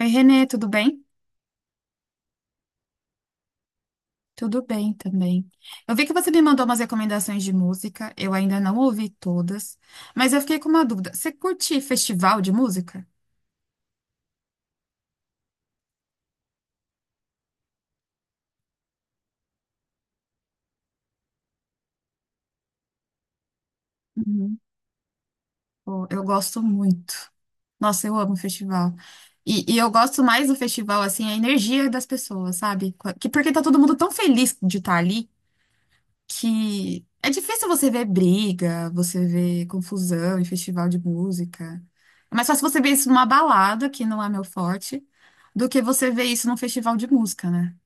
Oi, Renê, tudo bem? Tudo bem também. Eu vi que você me mandou umas recomendações de música, eu ainda não ouvi todas, mas eu fiquei com uma dúvida. Você curte festival de música? Uhum. Pô, eu gosto muito. Nossa, eu amo festival. E eu gosto mais do festival, assim, a energia das pessoas, sabe? Porque tá todo mundo tão feliz de estar ali, que é difícil você ver briga, você ver confusão em festival de música. É mais fácil você ver isso numa balada, que não é meu forte, do que você ver isso num festival de música, né?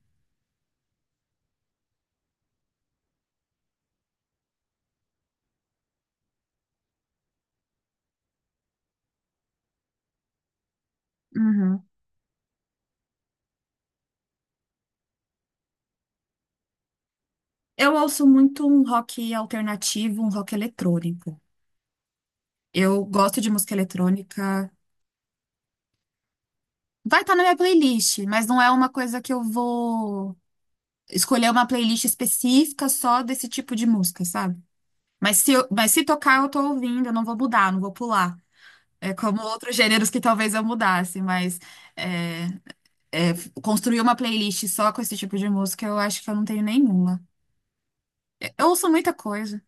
Uhum. Eu ouço muito um rock alternativo, um rock eletrônico. Eu gosto de música eletrônica. Vai estar na minha playlist, mas não é uma coisa que eu vou escolher uma playlist específica só desse tipo de música, sabe? Mas se tocar, eu tô ouvindo, eu não vou mudar, não vou pular. É como outros gêneros que talvez eu mudasse, mas é, é, construir uma playlist só com esse tipo de música, eu acho que eu não tenho nenhuma. É. eu ouço muita coisa.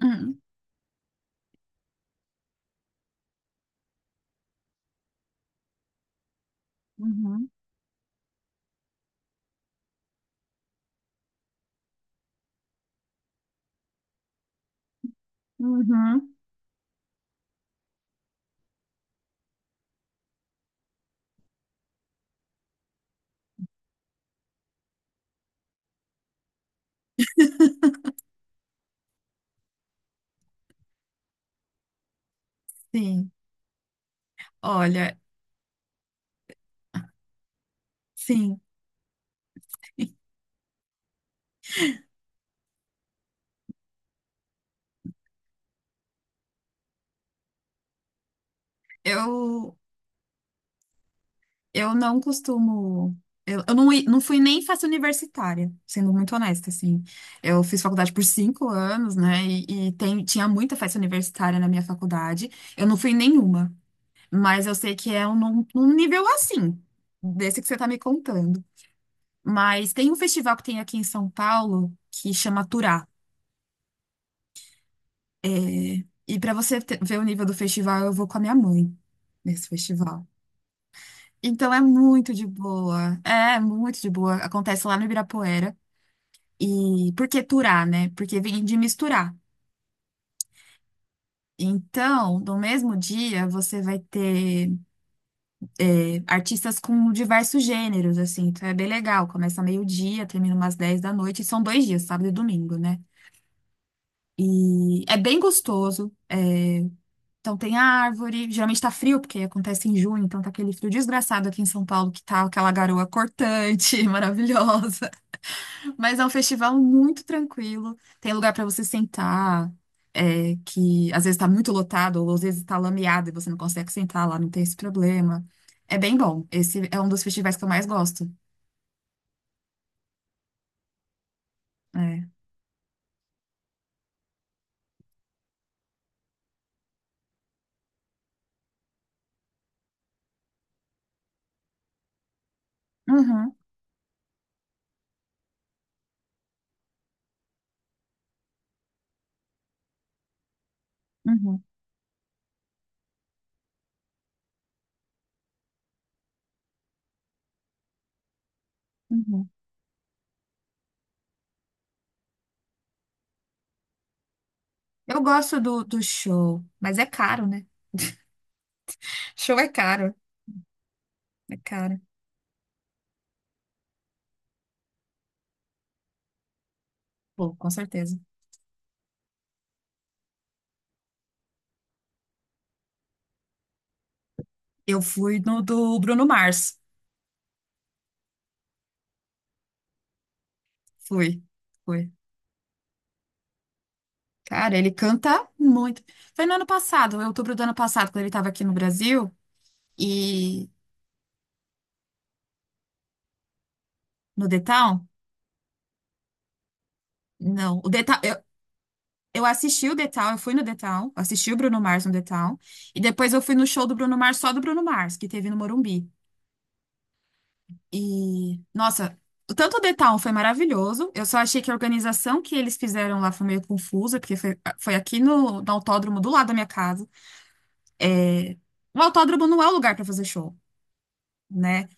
Hum. Uhum. Uhum. Sim. Olha, sim, eu, eu não costumo. Eu não fui nem festa universitária, sendo muito honesta, assim. Eu fiz faculdade por 5 anos, né? E tinha muita festa universitária na minha faculdade. Eu não fui em nenhuma. Mas eu sei que é num nível assim, desse que você tá me contando. Mas tem um festival que tem aqui em São Paulo que chama Turá. É, e para você ver o nível do festival, eu vou com a minha mãe nesse festival. Então é muito de boa. É muito de boa. Acontece lá no Ibirapuera. E por que Turá, né? Porque vem de misturar. Então, no mesmo dia, você vai ter artistas com diversos gêneros, assim, então é bem legal. Começa meio-dia, termina umas 10 da noite, e são 2 dias, sábado e domingo, né? E é bem gostoso. Então tem árvore, geralmente tá frio, porque acontece em junho, então tá aquele frio desgraçado aqui em São Paulo, que tá aquela garoa cortante, maravilhosa. Mas é um festival muito tranquilo. Tem lugar para você sentar, que às vezes está muito lotado, ou às vezes está lameado e você não consegue sentar lá, não tem esse problema. É bem bom. Esse é um dos festivais que eu mais gosto. É. Uhum. Uhum. Uhum. Eu gosto do show, mas é caro, né? Show é caro, é caro. Pô, com certeza. Eu fui no do Bruno Mars. Fui, fui. Cara, ele canta muito. Foi no ano passado, em outubro do ano passado, quando ele estava aqui no Brasil. E no The Town? Não. O The Town, eu assisti o The Town, eu fui no The Town, assisti o Bruno Mars no The Town. E depois eu fui no show do Bruno Mars, só do Bruno Mars, que teve no Morumbi. E, nossa, tanto o The Town foi maravilhoso, eu só achei que a organização que eles fizeram lá foi meio confusa, porque foi aqui no autódromo do lado da minha casa. É, o autódromo não é o lugar para fazer show, né?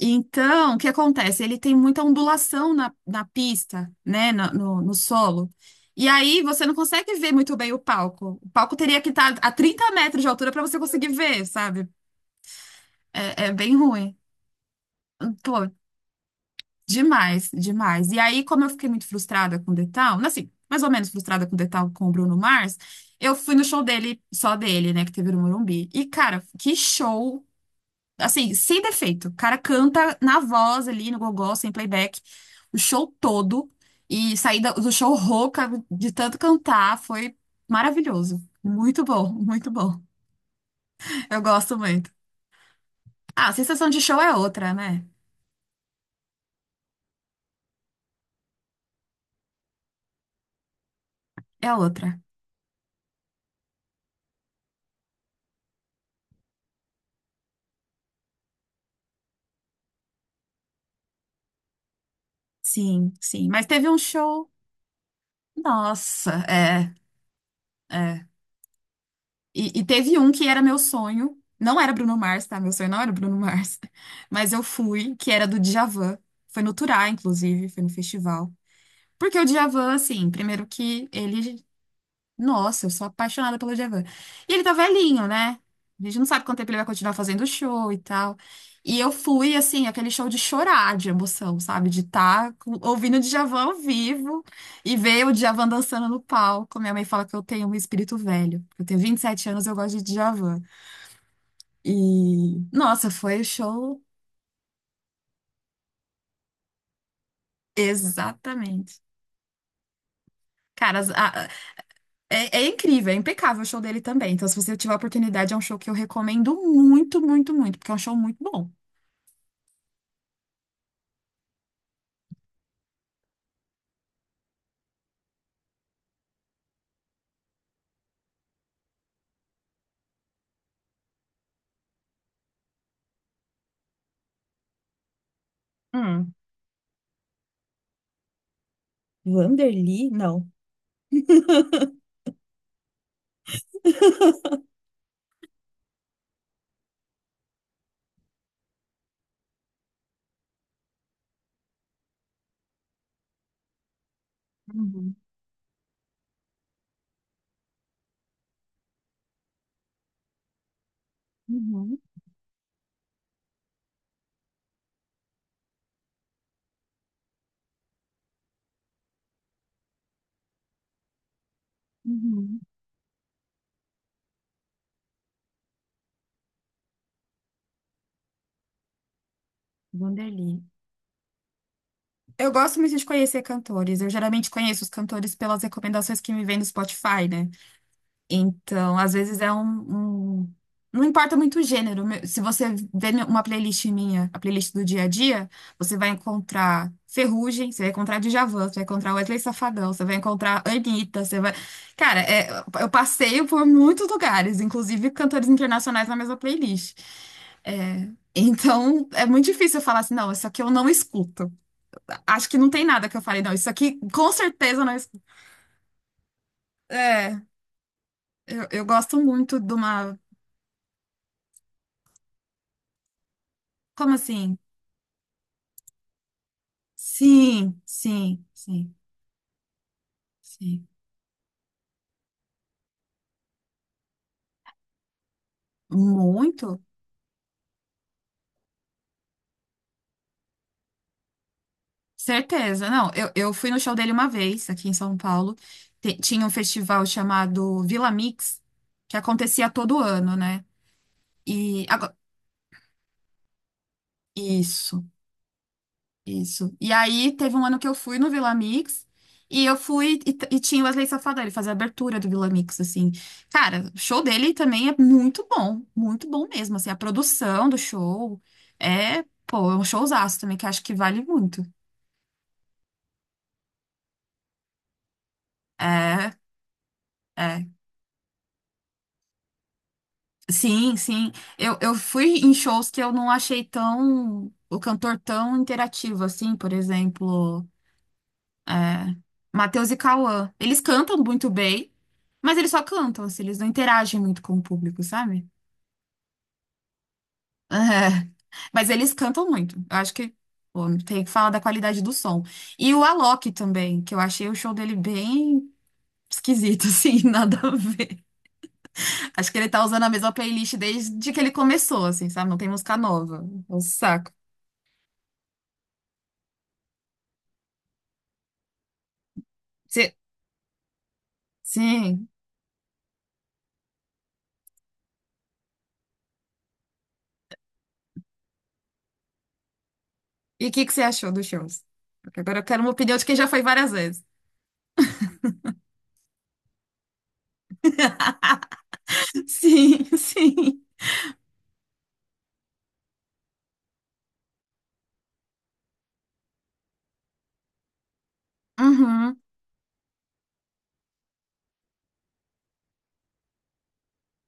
Então, o que acontece? Ele tem muita ondulação na pista, né? No solo. E aí você não consegue ver muito bem o palco. O palco teria que estar a 30 metros de altura para você conseguir ver, sabe? É bem ruim. Pô, demais, demais. E aí, como eu fiquei muito frustrada com o Detal, assim, mais ou menos frustrada com o Detal com o Bruno Mars, eu fui no show dele, só dele, né? Que teve no Morumbi. E, cara, que show. Assim, sem defeito. O cara canta na voz ali, no gogó, sem playback, o show todo. E sair do show rouca de tanto cantar foi maravilhoso. Muito bom, muito bom. Eu gosto muito. Ah, a sensação de show é outra, né? É outra. Sim, sim. Mas teve um show. Nossa, é, é. E teve um que era meu sonho. Não era Bruno Mars, tá? Meu sonho não era Bruno Mars. Mas eu fui, que era do Djavan. Foi no Turá, inclusive, foi no festival. Porque o Djavan, assim, primeiro que ele. Nossa, eu sou apaixonada pelo Djavan. E ele tá velhinho, né? A gente não sabe quanto tempo ele vai continuar fazendo show e tal. E eu fui, assim, aquele show de chorar de emoção, sabe? De estar ouvindo o Djavan ao vivo e ver o Djavan dançando no palco. Minha mãe fala que eu tenho um espírito velho. Eu tenho 27 anos, eu gosto de Djavan. E, nossa, foi o show. Exatamente. Cara, É incrível, é impecável o show dele também. Então, se você tiver a oportunidade, é um show que eu recomendo muito, muito, muito, porque é um show muito bom. Hum. Wanderly? Não. Uhum. Uhum. Uhum. Wanderly. Eu gosto muito de conhecer cantores. Eu geralmente conheço os cantores pelas recomendações que me vêm no Spotify, né? Então, às vezes é um- não importa muito o gênero. Se você vê uma playlist minha, a playlist do dia a dia, você vai encontrar Ferrugem, você vai encontrar Djavan, você vai encontrar Wesley Safadão, você vai encontrar Anitta, você vai... Cara, eu passeio por muitos lugares, inclusive cantores internacionais na mesma playlist. É, então, é muito difícil eu falar assim, não, isso aqui eu não escuto. Acho que não tem nada que eu falei, não, isso aqui com certeza eu não escuto. É, eu gosto muito de uma... Como assim? Sim, sim, sim, sim. Muito. Certeza. Não, eu fui no show dele uma vez, aqui em São Paulo. Tinha um festival chamado Vila Mix, que acontecia todo ano, né? E agora, isso. Isso. E aí teve um ano que eu fui no Vila Mix e eu fui e, t- e tinha o Wesley Safadão, ele fazia a abertura do Vila Mix, assim. Cara, o show dele também é muito bom mesmo, assim, a produção do show pô, é um showzaço também que eu acho que vale muito. É, é. Sim, sim. Eu fui em shows que eu não achei tão, o cantor tão interativo, assim, por exemplo. É, Matheus e Cauã. Eles cantam muito bem, mas eles só cantam, assim, eles não interagem muito com o público, sabe? É, Mas eles cantam muito. Eu acho que pô, tem que falar da qualidade do som. E o Alok também, que eu achei o show dele bem esquisito, assim, nada a ver. Acho que ele tá usando a mesma playlist desde que ele começou, assim, sabe? Não tem música nova. É um saco. Cê- Sim. E o que que você achou dos shows? Porque agora eu quero uma opinião de quem já foi várias vezes. Sim, sim. Uhum.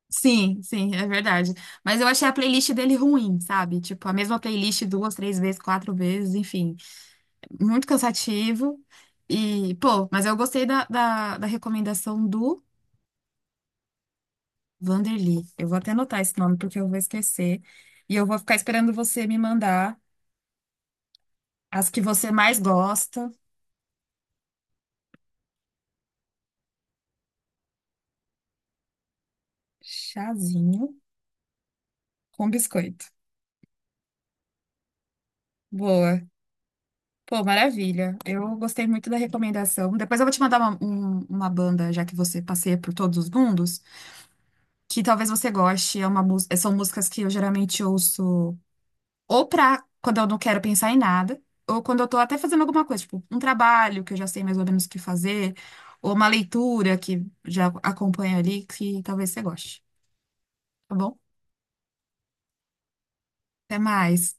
Sim, sim, é verdade. Mas eu achei a playlist dele ruim, sabe? Tipo, a mesma playlist duas, três vezes, quatro vezes, enfim. Muito cansativo. E, pô, mas eu gostei da recomendação do Vanderly. Eu vou até anotar esse nome porque eu vou esquecer. E eu vou ficar esperando você me mandar as que você mais gosta. Chazinho com biscoito. Boa. Pô, maravilha. Eu gostei muito da recomendação. Depois eu vou te mandar uma banda, já que você passeia por todos os mundos, que talvez você goste. É são músicas que eu geralmente ouço ou pra quando eu não quero pensar em nada, ou quando eu tô até fazendo alguma coisa, tipo um trabalho que eu já sei mais ou menos o que fazer, ou uma leitura que já acompanha ali, que talvez você goste. Tá bom? Até mais.